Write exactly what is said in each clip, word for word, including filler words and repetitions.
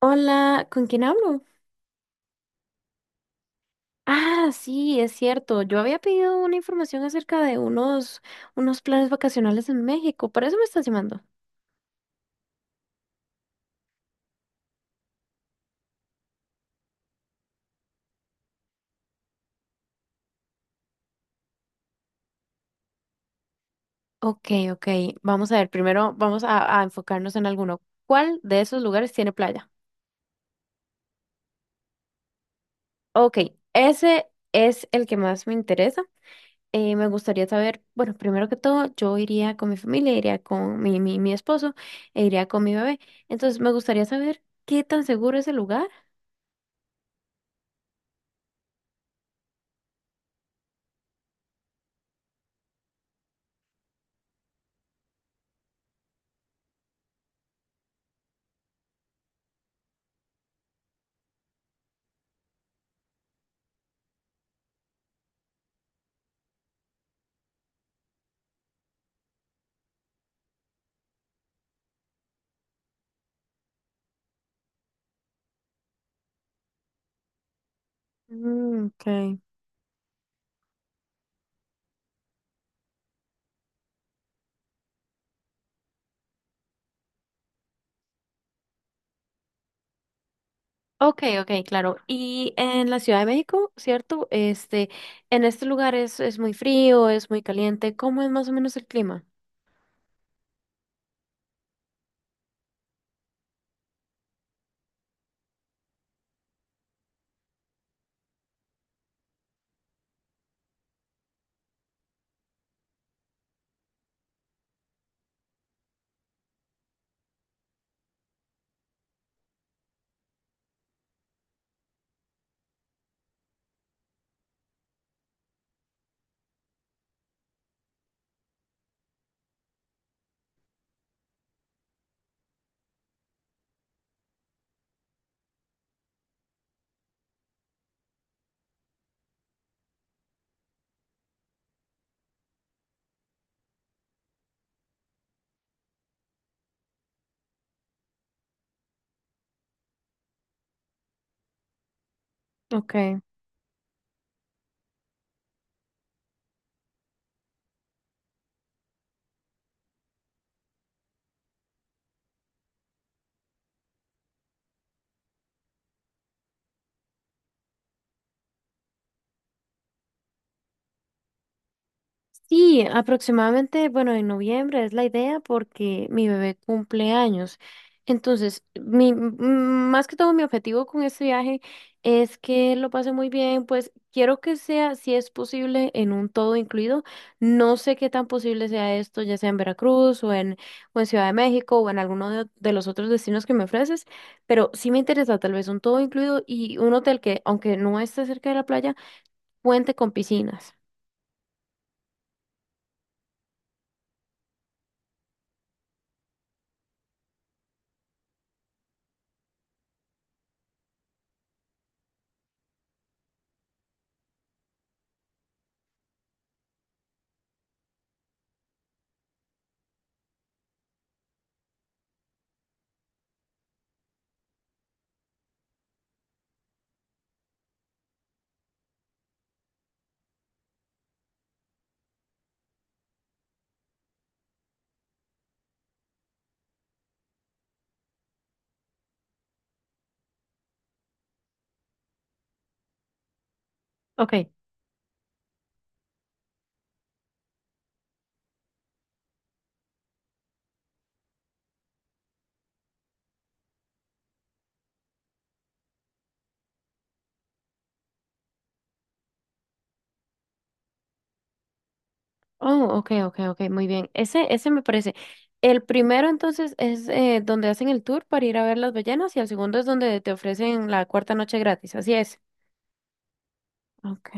Hola, ¿con quién hablo? Ah, sí, es cierto. Yo había pedido una información acerca de unos, unos planes vacacionales en México. Por eso me estás llamando. Ok, ok. Vamos a ver. Primero vamos a, a enfocarnos en alguno. ¿Cuál de esos lugares tiene playa? Ok, ese es el que más me interesa. Eh, me gustaría saber, bueno, primero que todo, yo iría con mi familia, iría con mi, mi, mi esposo e iría con mi bebé. Entonces, me gustaría saber qué tan seguro es el lugar. Mm, ok. Ok, ok, claro. Y en la Ciudad de México, ¿cierto? Este, en este lugar es, es muy frío, es muy caliente. ¿Cómo es más o menos el clima? Ok. Sí, aproximadamente, bueno, en noviembre es la idea porque mi bebé cumple años. Entonces, mi, m- más que todo mi objetivo con este viaje es que lo pase muy bien, pues quiero que sea, si es posible, en un todo incluido. No sé qué tan posible sea esto, ya sea en Veracruz o en, o en Ciudad de México o en alguno de, de los otros destinos que me ofreces, pero sí me interesa tal vez un todo incluido y un hotel que, aunque no esté cerca de la playa, cuente con piscinas. Ok. Oh, ok, ok, ok, muy bien. Ese, ese me parece. El primero entonces es eh, donde hacen el tour para ir a ver las ballenas y el segundo es donde te ofrecen la cuarta noche gratis, así es. Ok.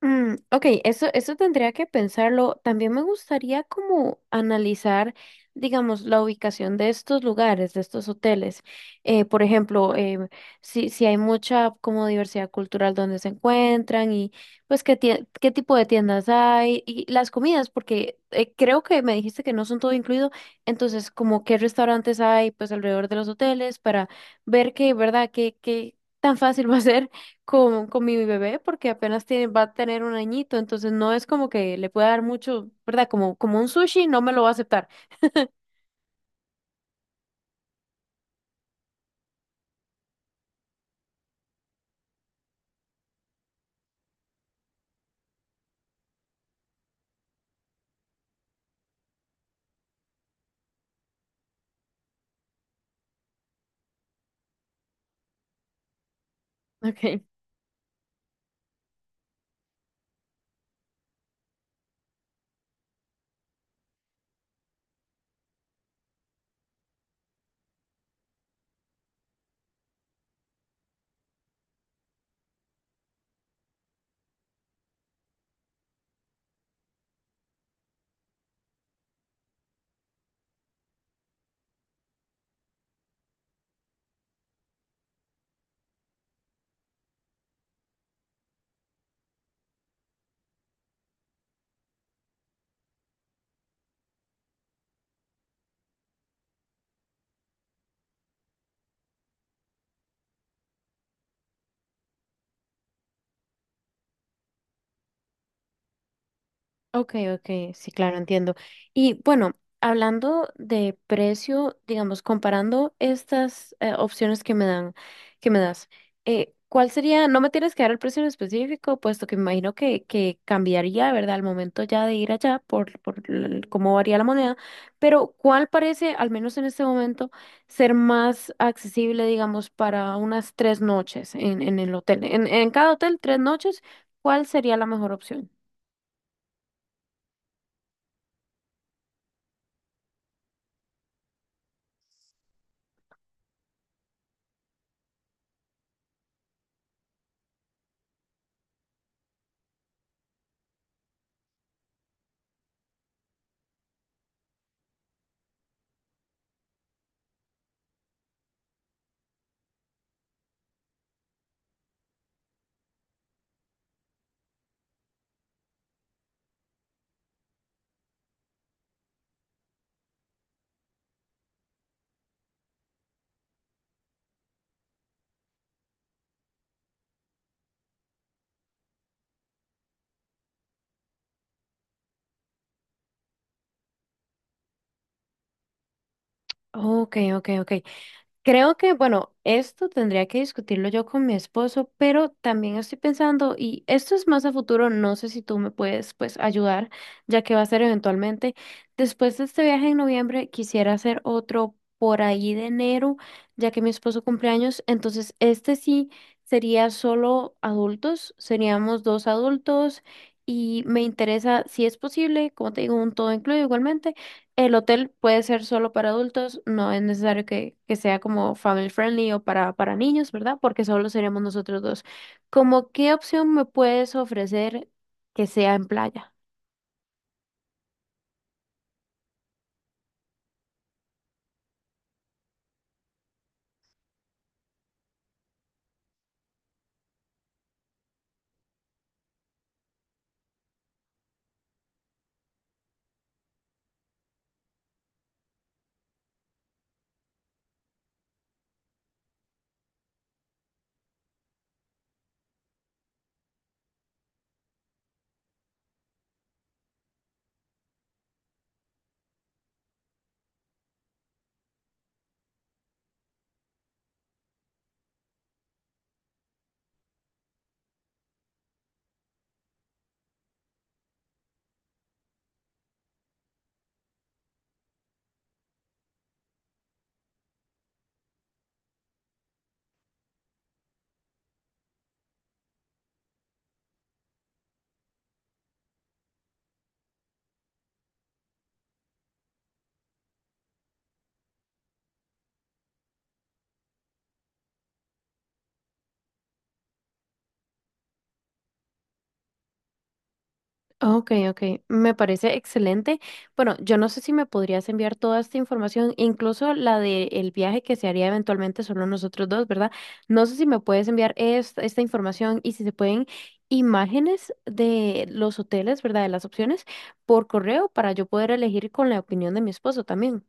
Mm, ok, eso, eso tendría que pensarlo. También me gustaría como analizar, digamos, la ubicación de estos lugares, de estos hoteles. Eh, por ejemplo, em, si, si hay mucha como diversidad cultural donde se encuentran y pues qué, tie- qué tipo de tiendas hay y las comidas, porque eh, creo que me dijiste que no son todo incluido. Entonces, como qué restaurantes hay pues alrededor de los hoteles para ver que, ¿verdad? qué qué tan fácil va a ser con, con mi bebé porque apenas tiene, va a tener un añito, entonces no es como que le pueda dar mucho, ¿verdad? Como, como un sushi, no me lo va a aceptar. Ok. Ok, ok, sí, claro, entiendo. Y bueno, hablando de precio, digamos, comparando estas eh, opciones que me dan, que me das, eh, ¿cuál sería? No me tienes que dar el precio en específico, puesto que me imagino que, que cambiaría, ¿verdad? Al momento ya de ir allá por, por el- cómo varía la moneda, pero ¿cuál parece, al menos en este momento, ser más accesible, digamos, para unas tres noches en, en el hotel? En, en cada hotel, tres noches, ¿cuál sería la mejor opción? Ok, ok, ok. Creo que, bueno, esto tendría que discutirlo yo con mi esposo, pero también estoy pensando, y esto es más a futuro, no sé si tú me puedes, pues, ayudar, ya que va a ser eventualmente. Después de este viaje en noviembre, quisiera hacer otro por ahí de enero, ya que mi esposo cumple años, entonces este sí sería solo adultos, seríamos dos adultos, y me interesa, si es posible, como te digo, un todo incluido igualmente el hotel puede ser solo para adultos, no es necesario que, que sea como family friendly o para, para niños, ¿verdad? Porque solo seríamos nosotros dos. ¿Cómo qué opción me puedes ofrecer que sea en playa? Ok, ok, me parece excelente. Bueno, yo no sé si me podrías enviar toda esta información, incluso la del viaje que se haría eventualmente solo nosotros dos, ¿verdad? No sé si me puedes enviar esta, esta información y si se pueden imágenes de los hoteles, ¿verdad? De las opciones por correo para yo poder elegir con la opinión de mi esposo también.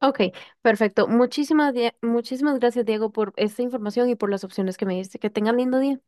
Ok, perfecto. Muchísimas, die- muchísimas gracias, Diego, por esta información y por las opciones que me diste. Que tengan lindo día.